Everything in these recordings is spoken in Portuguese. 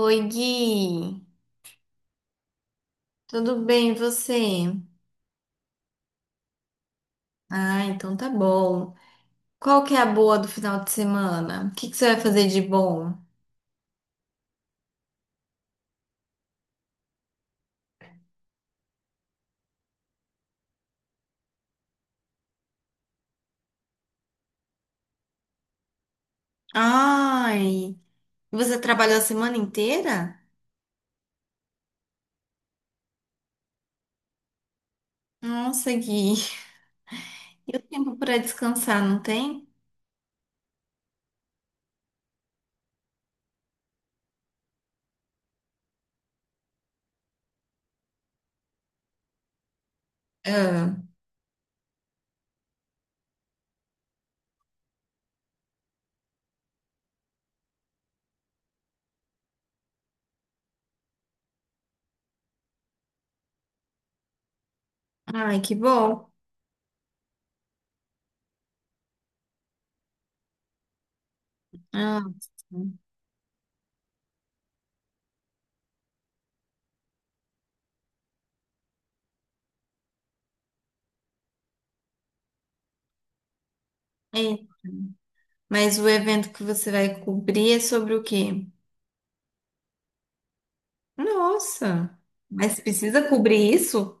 Oi, Gui. Tudo bem, e você? Ah, então tá bom. Qual que é a boa do final de semana? O que que você vai fazer de bom? Ai, você trabalhou a semana inteira? Nossa, Gui. E o tempo para descansar, não tem? Ah, ai, que bom. Ah, sim. É, mas o evento que você vai cobrir é sobre o quê? Nossa, mas precisa cobrir isso?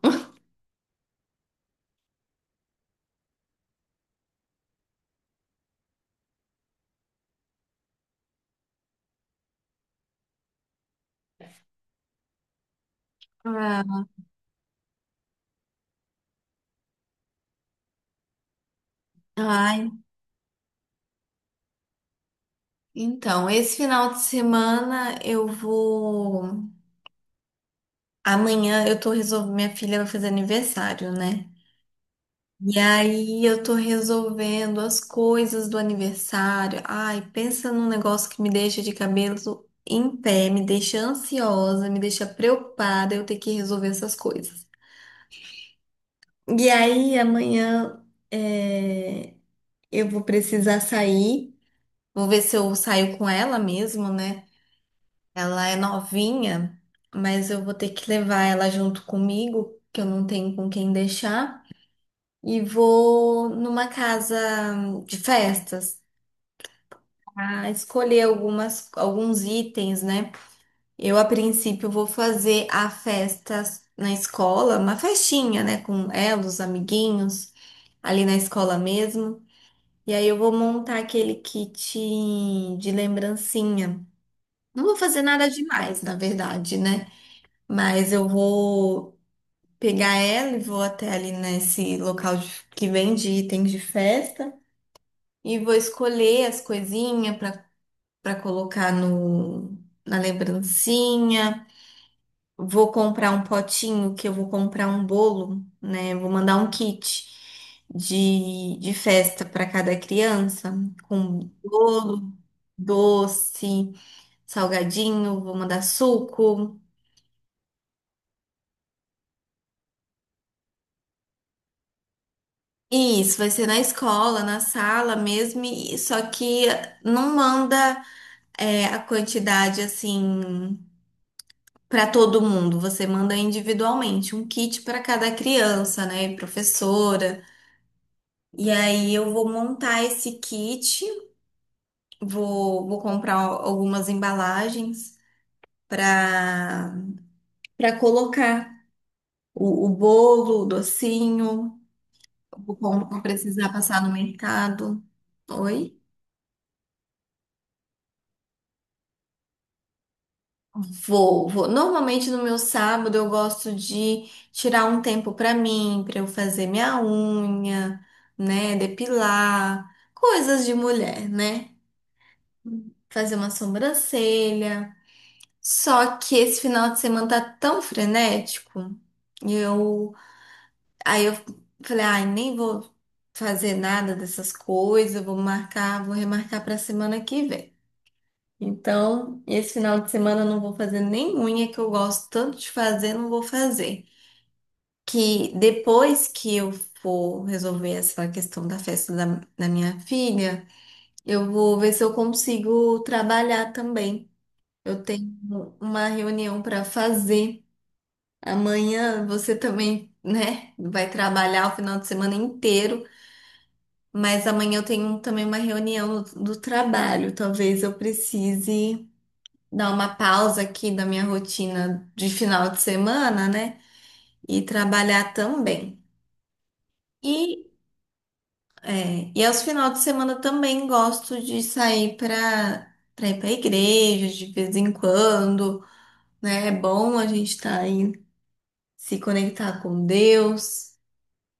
Ah, ai, então, esse final de semana eu vou. Amanhã eu tô resolvendo. Minha filha vai fazer aniversário, né? E aí eu tô resolvendo as coisas do aniversário. Ai, pensa num negócio que me deixa de cabelo em pé, me deixa ansiosa, me deixa preocupada eu ter que resolver essas coisas. E aí amanhã é, eu vou precisar sair. Vou ver se eu saio com ela mesmo, né? Ela é novinha, mas eu vou ter que levar ela junto comigo, que eu não tenho com quem deixar, e vou numa casa de festas a escolher algumas, alguns itens, né? Eu, a princípio, vou fazer a festa na escola, uma festinha, né, com ela, os amiguinhos, ali na escola mesmo. E aí eu vou montar aquele kit de lembrancinha. Não vou fazer nada demais, na verdade, né? Mas eu vou pegar ela e vou até ali nesse local que vende itens de festa e vou escolher as coisinhas para colocar no, na lembrancinha. Vou comprar um potinho que eu vou comprar um bolo, né? Vou mandar um kit de festa para cada criança com bolo, doce, salgadinho, vou mandar suco. Isso, vai ser na escola, na sala mesmo, só que não manda a quantidade assim para todo mundo, você manda individualmente, um kit para cada criança, né, e professora. E aí eu vou montar esse kit, vou comprar algumas embalagens para colocar o bolo, o docinho, vou precisar passar no mercado. Oi? Vou, vou. Normalmente no meu sábado eu gosto de tirar um tempo pra mim, pra eu fazer minha unha, né, depilar, coisas de mulher, né? Fazer uma sobrancelha. Só que esse final de semana tá tão frenético, e eu falei, ai, nem vou fazer nada dessas coisas, vou marcar, vou remarcar pra semana que vem. Então, esse final de semana eu não vou fazer nem unha que eu gosto tanto de fazer, não vou fazer. Que depois que eu for resolver essa questão da festa da minha filha, eu vou ver se eu consigo trabalhar também. Eu tenho uma reunião para fazer. Amanhã você também, né, vai trabalhar o final de semana inteiro, mas amanhã eu tenho também uma reunião do trabalho. Talvez eu precise dar uma pausa aqui da minha rotina de final de semana, né? E trabalhar também. E, é, e aos finais de semana também gosto de sair para ir para a igreja de vez em quando, né? É bom a gente estar aí se conectar com Deus.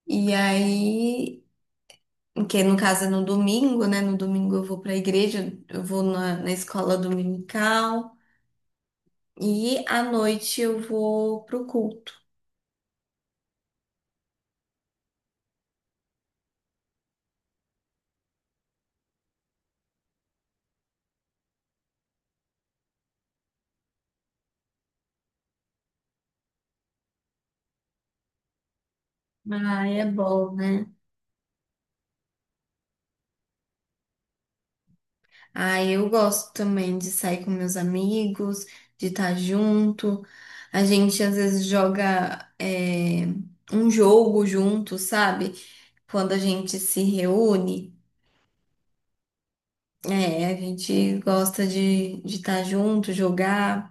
E aí, que no caso é no domingo, né? No domingo eu vou para a igreja, eu vou na escola dominical. E à noite eu vou pro culto. Ah, é bom, né? Ah, eu gosto também de sair com meus amigos, de estar junto. A gente às vezes joga um jogo junto, sabe? Quando a gente se reúne, é, a gente gosta de estar junto, jogar.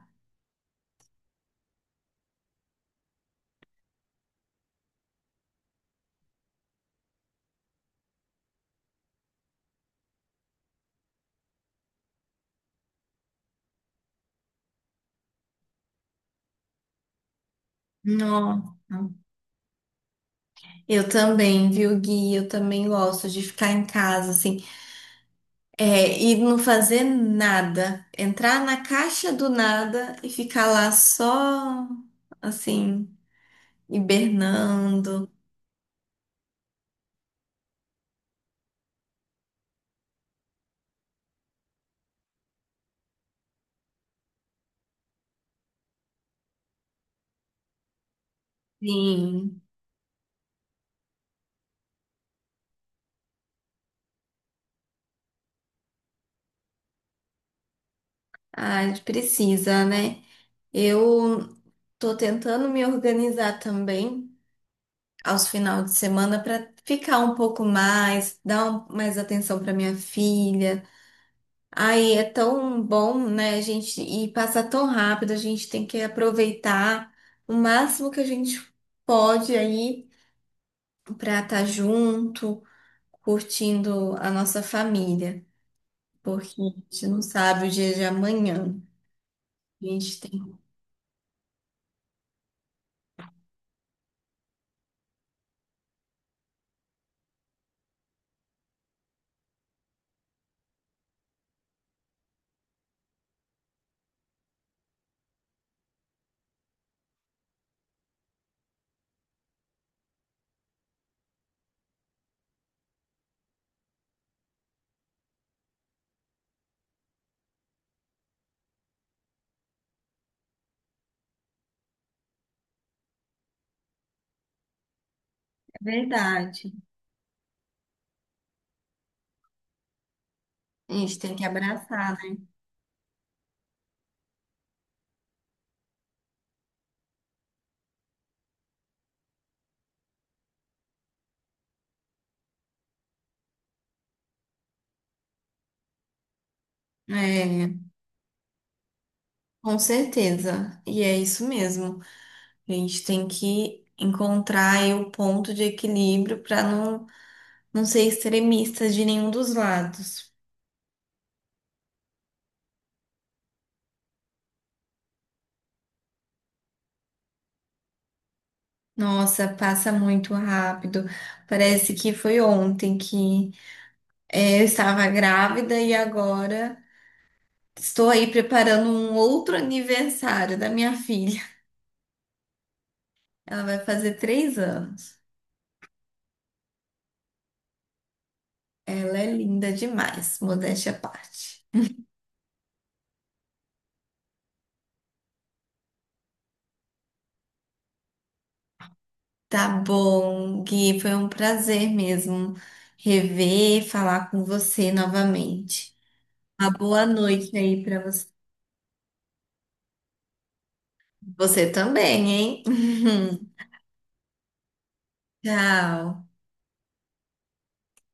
Nossa. Eu também, viu, Gui? Eu também gosto de ficar em casa, assim. É, e não fazer nada. Entrar na caixa do nada e ficar lá só, assim, hibernando. Sim, ah, a gente precisa, né? Eu tô tentando me organizar também aos finais de semana para ficar um pouco mais, mais atenção para minha filha. Aí é tão bom, né, a gente, e passa tão rápido, a gente tem que aproveitar o máximo que a gente pode aí para estar junto, curtindo a nossa família, porque a gente não sabe o dia de amanhã. A gente tem, é verdade. A gente tem que abraçar, né? É, com certeza. E é isso mesmo. A gente tem que encontrar aí o ponto de equilíbrio para não, não ser extremista de nenhum dos lados. Nossa, passa muito rápido. Parece que foi ontem que eu estava grávida e agora. Estou aí preparando um outro aniversário da minha filha. Ela vai fazer 3 anos. Ela é linda demais, modéstia à parte. Tá bom, Gui, foi um prazer mesmo rever, e falar com você novamente. Uma boa noite aí para você. Você também, hein? Tchau.